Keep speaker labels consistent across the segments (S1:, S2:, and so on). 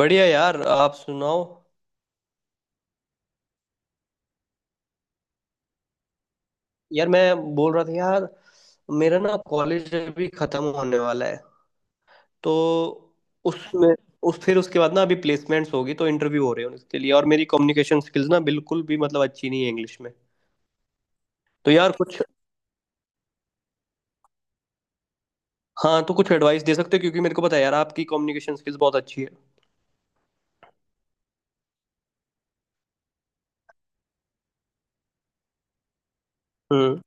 S1: बढ़िया यार। आप सुनाओ। यार मैं बोल रहा था यार, मेरा ना कॉलेज अभी खत्म होने वाला है। तो उसमें उस फिर उसके बाद ना अभी प्लेसमेंट्स होगी, तो इंटरव्यू हो रहे हैं उसके लिए, और मेरी कम्युनिकेशन स्किल्स ना बिल्कुल भी मतलब अच्छी नहीं है इंग्लिश में। तो यार कुछ हाँ, तो कुछ एडवाइस दे सकते हो, क्योंकि मेरे को पता है यार आपकी कम्युनिकेशन स्किल्स बहुत अच्छी है। हम्म।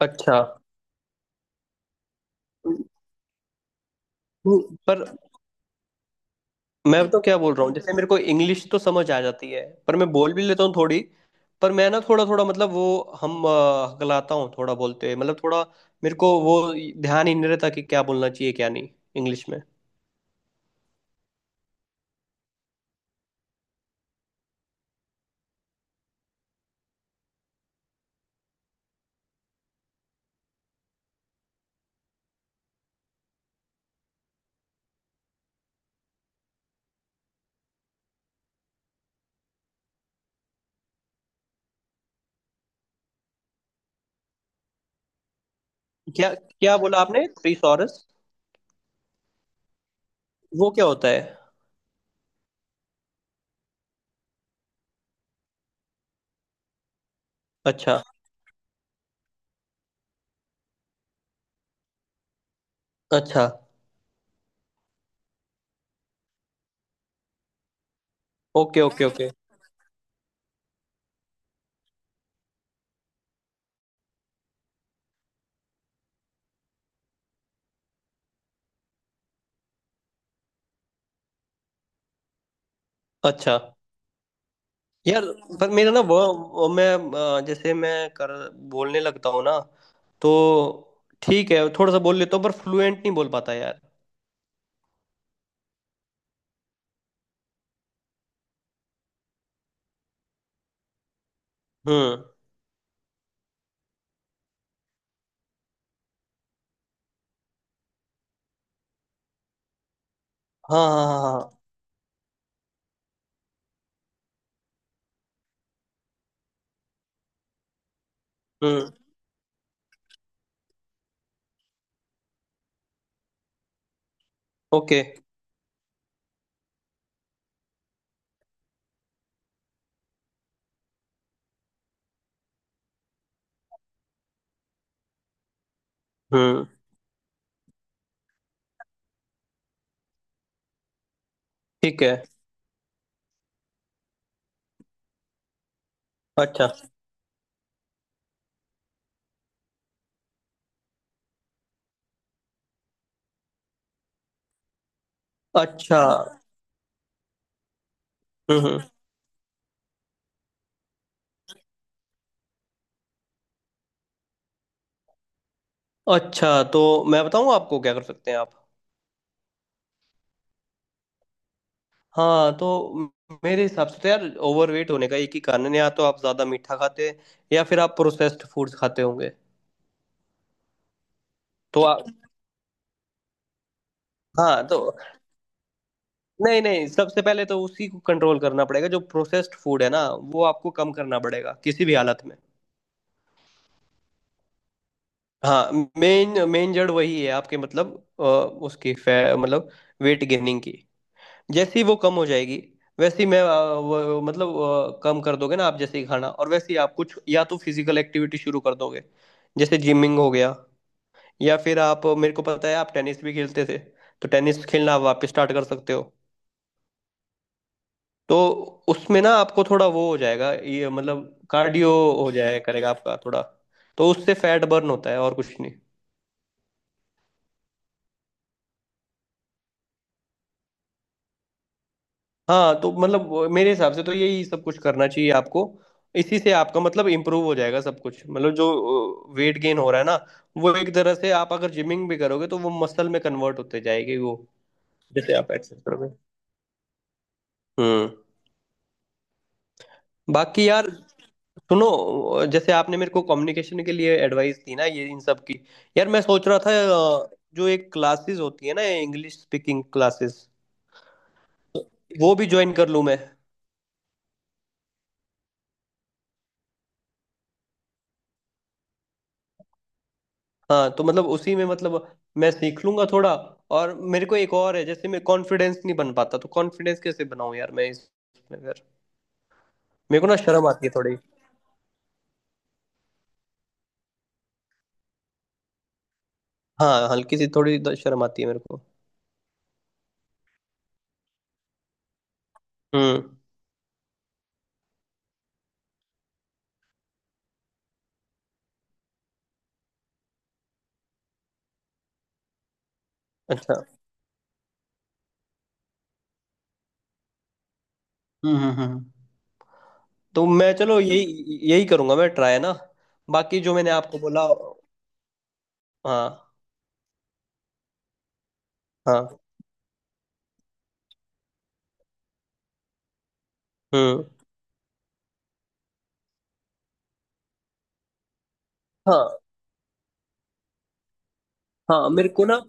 S1: अच्छा। पर मैं तो क्या बोल रहा हूँ, जैसे मेरे को इंग्लिश तो समझ आ जाती है, पर मैं बोल भी लेता हूँ थोड़ी। पर मैं ना थोड़ा थोड़ा मतलब वो हकलाता हूँ थोड़ा, बोलते मतलब थोड़ा मेरे को वो ध्यान ही नहीं रहता कि क्या बोलना चाहिए क्या नहीं, इंग्लिश में। क्या क्या बोला आपने? थिसॉरस? वो क्या होता है? अच्छा। अच्छा। Okay okay okay. अच्छा। यार, पर मेरा ना वो मैं जैसे मैं कर बोलने लगता हूँ ना, तो ठीक है थोड़ा सा बोल लेता हूँ, पर फ्लुएंट नहीं बोल पाता यार। हम्म। हाँ हाँ हाँ हाँ। हम्म। ओके। हम्म। ठीक है। अच्छा। अच्छा। हम्म। अच्छा, तो मैं बताऊँ आपको क्या कर सकते हैं आप? हाँ, तो मेरे हिसाब से तो यार, ओवरवेट होने का एक ही कारण है, या तो आप ज़्यादा मीठा खाते हैं, या फिर आप प्रोसेस्ड फूड्स खाते होंगे। तो आप हाँ, तो नहीं नहीं, सबसे पहले तो उसी को कंट्रोल करना पड़ेगा जो प्रोसेस्ड फूड है ना, वो आपको कम करना पड़ेगा किसी भी हालत में। हाँ। मेन मेन जड़ वही है आपके, मतलब उसकी फै मतलब वेट गेनिंग की। जैसी वो कम हो जाएगी, वैसी मैं अ, वो, मतलब अ, कम कर दोगे ना आप जैसे ही खाना, और वैसे ही आप कुछ या तो फिजिकल एक्टिविटी शुरू कर दोगे, जैसे जिमिंग हो गया, या फिर आप मेरे को पता है आप टेनिस भी खेलते थे, तो टेनिस खेलना आप वापस स्टार्ट कर सकते हो। तो उसमें ना आपको थोड़ा वो हो जाएगा ये, मतलब कार्डियो हो जाया करेगा आपका थोड़ा, तो उससे फैट बर्न होता है और कुछ। हाँ, तो मतलब मेरे हिसाब से तो यही सब कुछ करना चाहिए आपको, इसी से आपका मतलब इम्प्रूव हो जाएगा सब कुछ, मतलब जो वेट गेन हो रहा है ना, वो एक तरह से आप अगर जिमिंग भी करोगे तो वो मसल में कन्वर्ट होते जाएगी वो, जैसे आप एक्सरसाइज करोगे। हम्म। बाकी यार, सुनो, जैसे आपने मेरे को कम्युनिकेशन के लिए एडवाइस दी ना, ये इन सब की, यार मैं सोच रहा था, अ, जो एक क्लासेस होती है ना, इंग्लिश स्पीकिंग क्लासेस, वो भी ज्वाइन कर लूँ मैं। हाँ, तो मतलब उसी में मतलब मैं सीख लूंगा थोड़ा। और मेरे को एक और है, जैसे मैं कॉन्फिडेंस नहीं बन पाता, तो कॉन्फिडेंस कैसे बनाऊं यार, मैं इसमें फिर मेरे को ना शर्म आती है थोड़ी। हाँ, हल्की सी थोड़ी शर्म आती है मेरे को। हम्म। अच्छा। हम्म। तो मैं चलो यही यही करूंगा, मैं ट्राई ना। बाकी जो मैंने आपको बोला। हाँ। हाँ। हम्म। हाँ। हाँ, मेरे को ना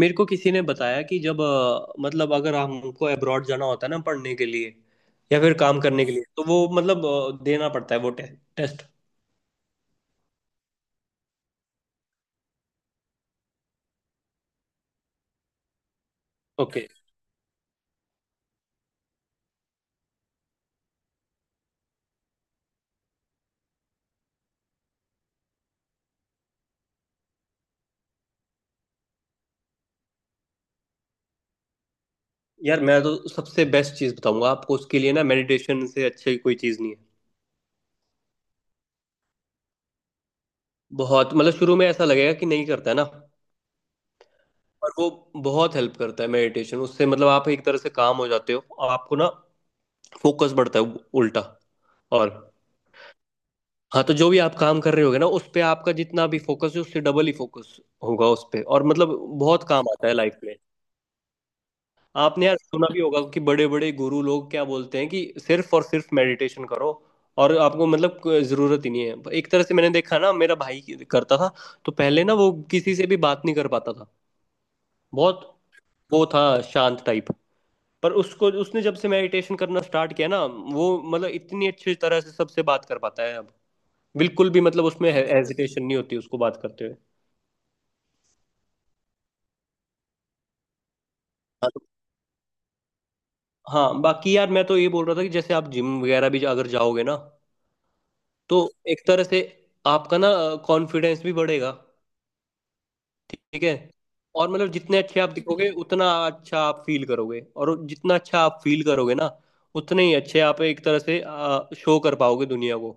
S1: मेरे को किसी ने बताया कि जब मतलब अगर हमको अब्रॉड जाना होता है ना पढ़ने के लिए, या फिर काम करने के लिए, तो वो मतलब देना पड़ता है वो टेस्ट। ओके। यार, मैं तो सबसे बेस्ट चीज़ बताऊंगा आपको उसके लिए ना, मेडिटेशन से अच्छी कोई चीज़ नहीं है। बहुत, मतलब शुरू में ऐसा लगेगा कि नहीं करता है ना, पर वो बहुत हेल्प करता है मेडिटेशन, उससे मतलब आप एक तरह से काम हो जाते हो, आपको ना फोकस बढ़ता है उल्टा। और हाँ, तो जो भी आप काम कर रहे होगे ना, उस पे आपका जितना भी फोकस है, उससे डबल ही फोकस होगा उस पे, और मतलब बहुत काम आता है लाइफ में। आपने यार सुना भी होगा कि बड़े बड़े गुरु लोग क्या बोलते हैं कि सिर्फ और सिर्फ मेडिटेशन करो, और आपको मतलब कोई जरूरत ही नहीं है एक तरह से। मैंने देखा ना, मेरा भाई करता था, तो पहले ना वो किसी से भी बात नहीं कर पाता था, बहुत वो था शांत टाइप। पर उसको उसने जब से मेडिटेशन करना स्टार्ट किया ना, वो मतलब इतनी अच्छी तरह से सबसे बात कर पाता है अब, बिल्कुल भी मतलब उसमें हेजिटेशन नहीं होती उसको बात करते हुए। हाँ, बाकी यार मैं तो ये बोल रहा था कि जैसे आप जिम वगैरह भी अगर जाओगे ना, तो एक तरह से आपका ना कॉन्फिडेंस भी बढ़ेगा। ठीक है। और मतलब जितने अच्छे आप दिखोगे, उतना अच्छा आप फील करोगे, और जितना अच्छा आप फील करोगे ना, उतने ही अच्छे आप एक तरह से शो कर पाओगे दुनिया को।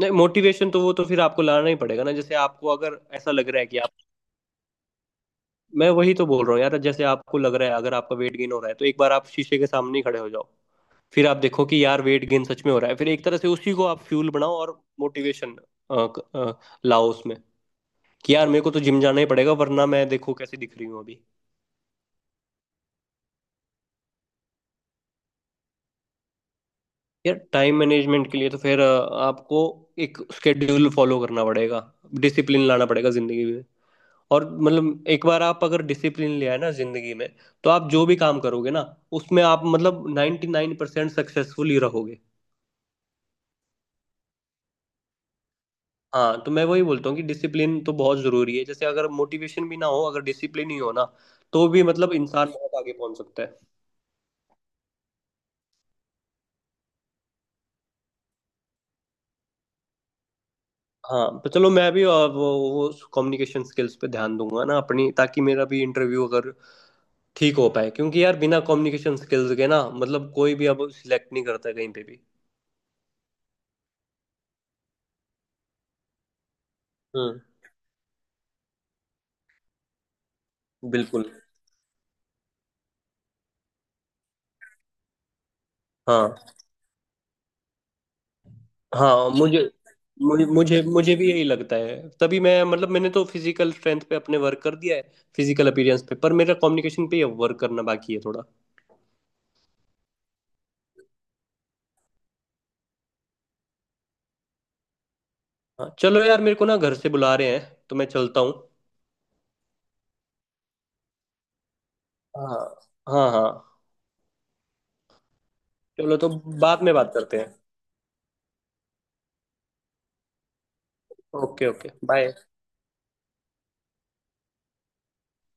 S1: नहीं, मोटिवेशन तो वो तो फिर आपको लाना ही पड़ेगा ना, जैसे आपको अगर ऐसा लग रहा है कि, मैं वही तो बोल रहा हूँ यार, जैसे आपको लग रहा है अगर आपका वेट गेन हो रहा है, तो एक बार आप शीशे के सामने ही खड़े हो जाओ, फिर आप देखो कि यार वेट गेन सच में हो रहा है, फिर एक तरह से उसी को आप फ्यूल बनाओ और मोटिवेशन लाओ उसमें, कि यार मेरे को तो जिम जाना ही पड़ेगा, वरना मैं देखो कैसे दिख रही हूँ अभी। यार, टाइम मैनेजमेंट के लिए तो फिर आपको एक स्केड्यूल फॉलो करना पड़ेगा, डिसिप्लिन लाना पड़ेगा जिंदगी में। और मतलब एक बार आप अगर डिसिप्लिन ले आए ना जिंदगी में, तो आप जो भी काम करोगे ना, उसमें आप मतलब 99% नाइन परसेंट सक्सेसफुल ही रहोगे। हाँ, तो मैं वही बोलता हूँ कि डिसिप्लिन तो बहुत जरूरी है, जैसे अगर मोटिवेशन भी ना हो, अगर डिसिप्लिन ही हो ना, तो भी मतलब इंसान बहुत आगे पहुंच सकता है। हाँ, तो चलो मैं भी वो कम्युनिकेशन स्किल्स पे ध्यान दूंगा ना अपनी, ताकि मेरा भी इंटरव्यू अगर ठीक हो पाए, क्योंकि यार बिना कम्युनिकेशन स्किल्स के ना मतलब कोई भी अब सिलेक्ट नहीं करता कहीं पे भी। हम्म। बिल्कुल। हाँ, हाँ मुझे मुझे मुझे मुझे भी यही लगता है, तभी मैं मतलब मैंने तो फिजिकल स्ट्रेंथ पे अपने वर्क कर दिया है, फिजिकल अपीयरेंस पे, पर मेरा कम्युनिकेशन पे वर्क करना बाकी है थोड़ा। हाँ चलो यार, मेरे को ना घर से बुला रहे हैं, तो मैं चलता हूँ। हाँ। हाँ हाँ। चलो, तो बाद में बात करते हैं। Okay okay, bye.